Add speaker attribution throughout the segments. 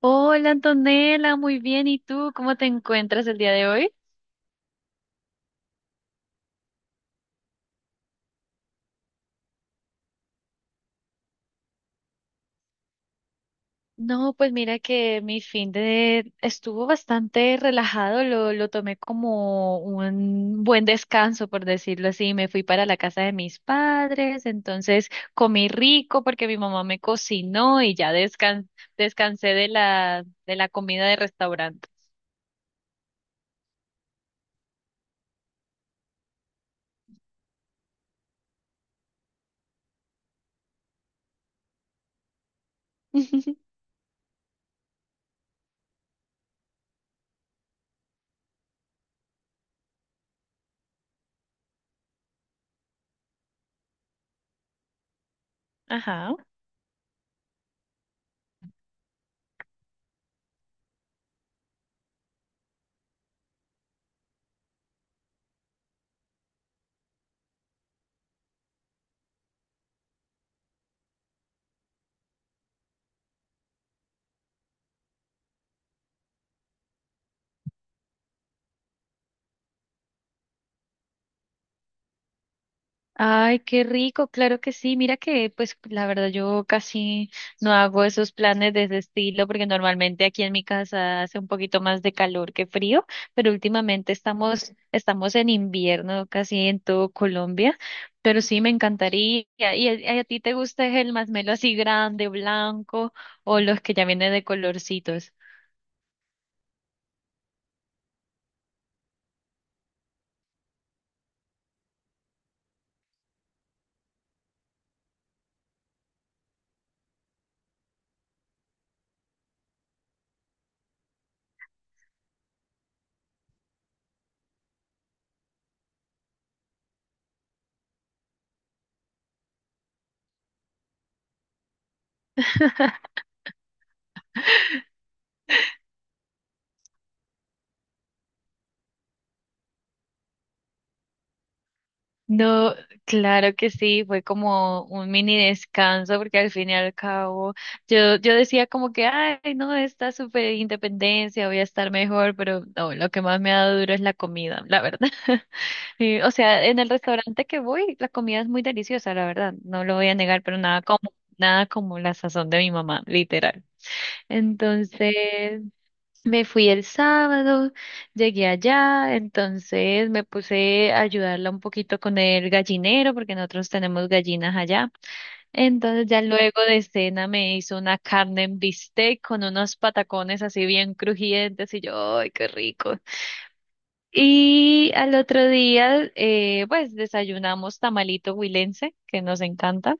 Speaker 1: Hola Antonella, muy bien. ¿Y tú cómo te encuentras el día de hoy? No, pues mira que mi fin de estuvo bastante relajado, lo tomé como un buen descanso, por decirlo así. Me fui para la casa de mis padres, entonces comí rico porque mi mamá me cocinó y ya descansé de la comida de restaurante. Ajá. Ay, qué rico, claro que sí. Mira que, pues, la verdad yo casi no hago esos planes de ese estilo porque normalmente aquí en mi casa hace un poquito más de calor que frío, pero últimamente estamos en invierno casi en todo Colombia. Pero sí, me encantaría. ¿Y a ti te gusta el masmelo así grande, blanco o los que ya vienen de colorcitos? No, claro que sí, fue como un mini descanso porque al fin y al cabo yo decía como que, ay, no, esta super independencia, voy a estar mejor, pero no, lo que más me ha dado duro es la comida, la verdad. Y, o sea, en el restaurante que voy, la comida es muy deliciosa, la verdad, no lo voy a negar, pero nada como la sazón de mi mamá, literal. Entonces, me fui el sábado, llegué allá, entonces me puse a ayudarla un poquito con el gallinero, porque nosotros tenemos gallinas allá. Entonces ya luego de cena me hizo una carne en bistec con unos patacones así bien crujientes y yo, ¡ay, qué rico! Y al otro día, pues desayunamos tamalito huilense, que nos encanta.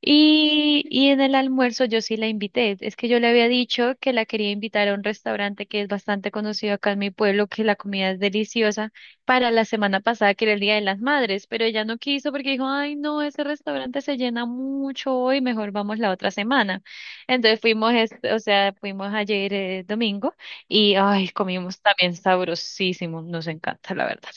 Speaker 1: Y en el almuerzo yo sí la invité. Es que yo le había dicho que la quería invitar a un restaurante que es bastante conocido acá en mi pueblo, que la comida es deliciosa, para la semana pasada, que era el Día de las Madres, pero ella no quiso porque dijo, ay, no, ese restaurante se llena mucho hoy, mejor vamos la otra semana. Entonces fuimos, es o sea, fuimos ayer domingo y, ay, comimos también sabrosísimo, nos encanta, la verdad.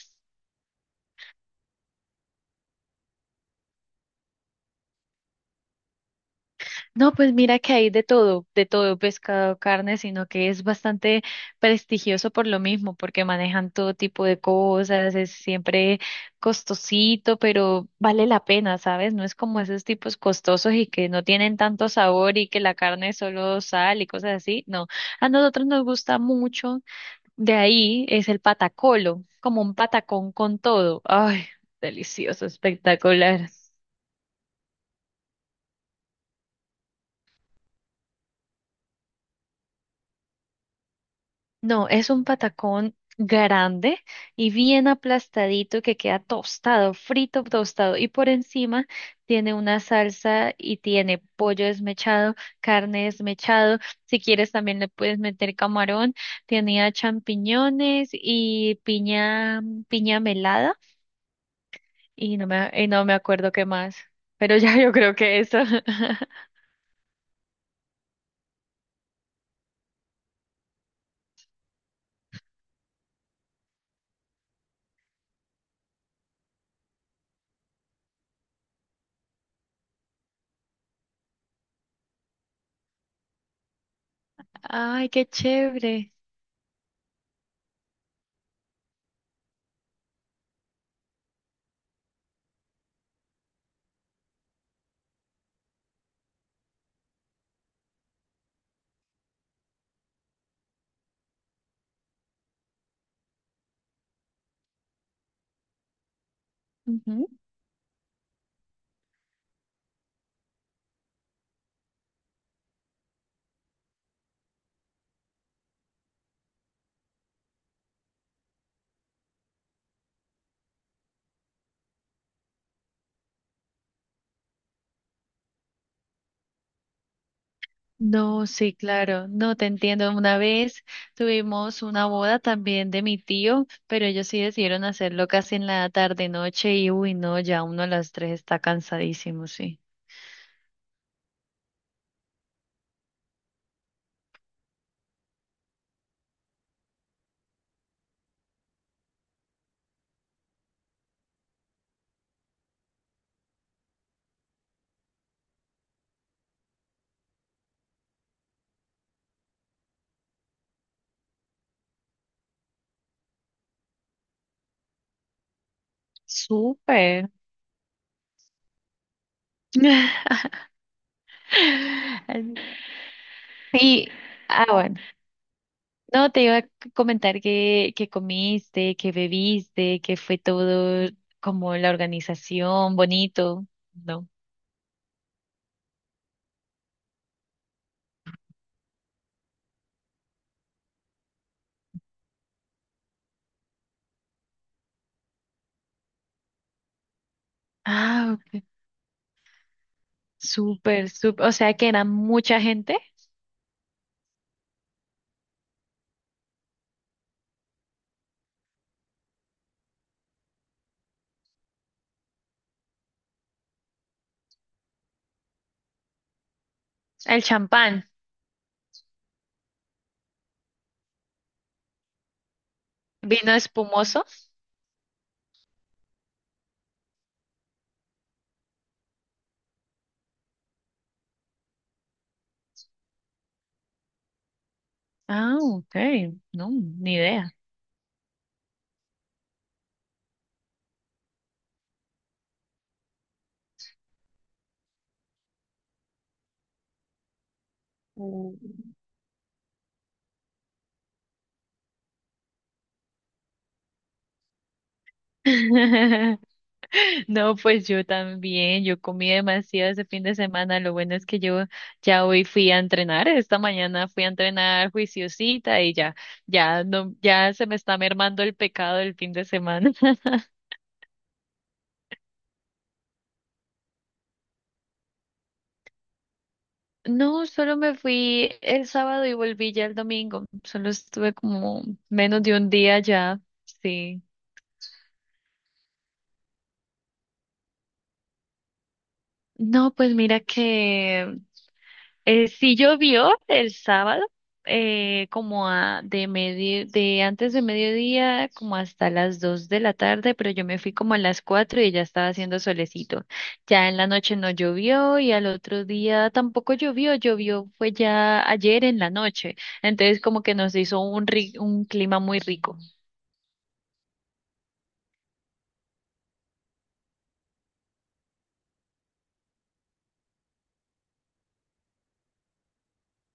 Speaker 1: No, pues mira que hay de todo, pescado, carne, sino que es bastante prestigioso por lo mismo, porque manejan todo tipo de cosas, es siempre costosito, pero vale la pena, ¿sabes? No es como esos tipos costosos y que no tienen tanto sabor y que la carne es solo sal y cosas así. No, a nosotros nos gusta mucho, de ahí es el patacolo, como un patacón con todo. Ay, delicioso, espectacular. No, es un patacón grande y bien aplastadito que queda tostado, frito, tostado. Y por encima tiene una salsa y tiene pollo desmechado, carne desmechado. Si quieres también le puedes meter camarón. Tenía champiñones y piña, piña melada y no me acuerdo qué más. Pero ya yo creo que eso. Ay, qué chévere. No, sí, claro, no te entiendo. Una vez tuvimos una boda también de mi tío, pero ellos sí decidieron hacerlo casi en la tarde noche y uy, no, ya uno a las tres está cansadísimo, sí. Súper. Y, bueno, no te iba a comentar que comiste, que bebiste, que fue todo como la organización, bonito, ¿no? Ah, ok, súper, súper, o sea que era mucha gente. El champán, vino espumoso. Ah, ok, no, ni idea. Mm. No, pues yo también, yo comí demasiado ese fin de semana. Lo bueno es que yo ya hoy fui a entrenar, esta mañana fui a entrenar juiciosita y ya no, ya se me está mermando el pecado del fin de semana. No, solo me fui el sábado y volví ya el domingo. Solo estuve como menos de un día ya, sí. No, pues mira que sí llovió el sábado, como de antes de mediodía, como hasta las 2 de la tarde, pero yo me fui como a las 4 y ya estaba haciendo solecito. Ya en la noche no llovió y al otro día tampoco llovió fue ya ayer en la noche, entonces como que nos hizo un clima muy rico.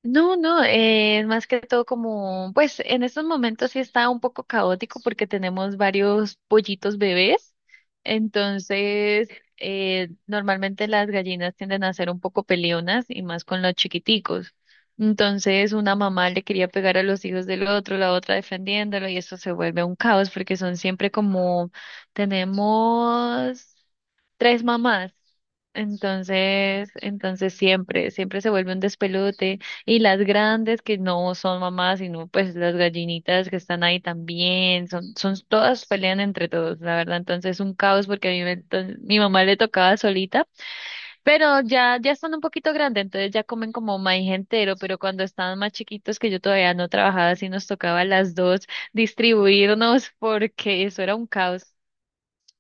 Speaker 1: No, no, más que todo como, pues en estos momentos sí está un poco caótico porque tenemos varios pollitos bebés, entonces normalmente las gallinas tienden a ser un poco peleonas y más con los chiquiticos. Entonces una mamá le quería pegar a los hijos del otro, la otra defendiéndolo y eso se vuelve un caos porque son siempre como, tenemos tres mamás. Entonces, siempre se vuelve un despelote. Y las grandes que no son mamás, sino pues las gallinitas que están ahí también, son todas pelean entre todos, la verdad. Entonces es un caos porque a mí mi mamá le tocaba solita, pero ya están un poquito grandes, entonces ya comen como maíz entero, pero cuando estaban más chiquitos que yo todavía no trabajaba, así nos tocaba a las dos distribuirnos porque eso era un caos.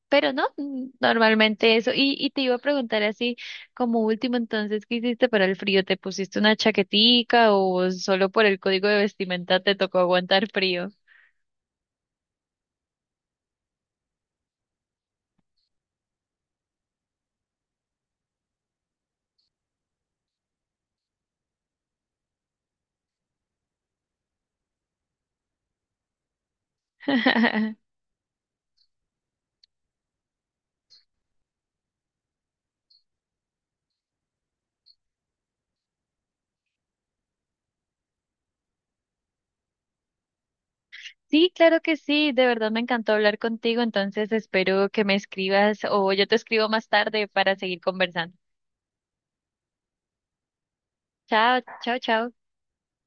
Speaker 1: Pero no, normalmente eso. Y te iba a preguntar así, como último entonces, ¿qué hiciste para el frío? ¿Te pusiste una chaquetica o solo por el código de vestimenta te tocó aguantar frío? Sí, claro que sí, de verdad me encantó hablar contigo, entonces espero que me escribas o yo te escribo más tarde para seguir conversando. Chao, chao, chao.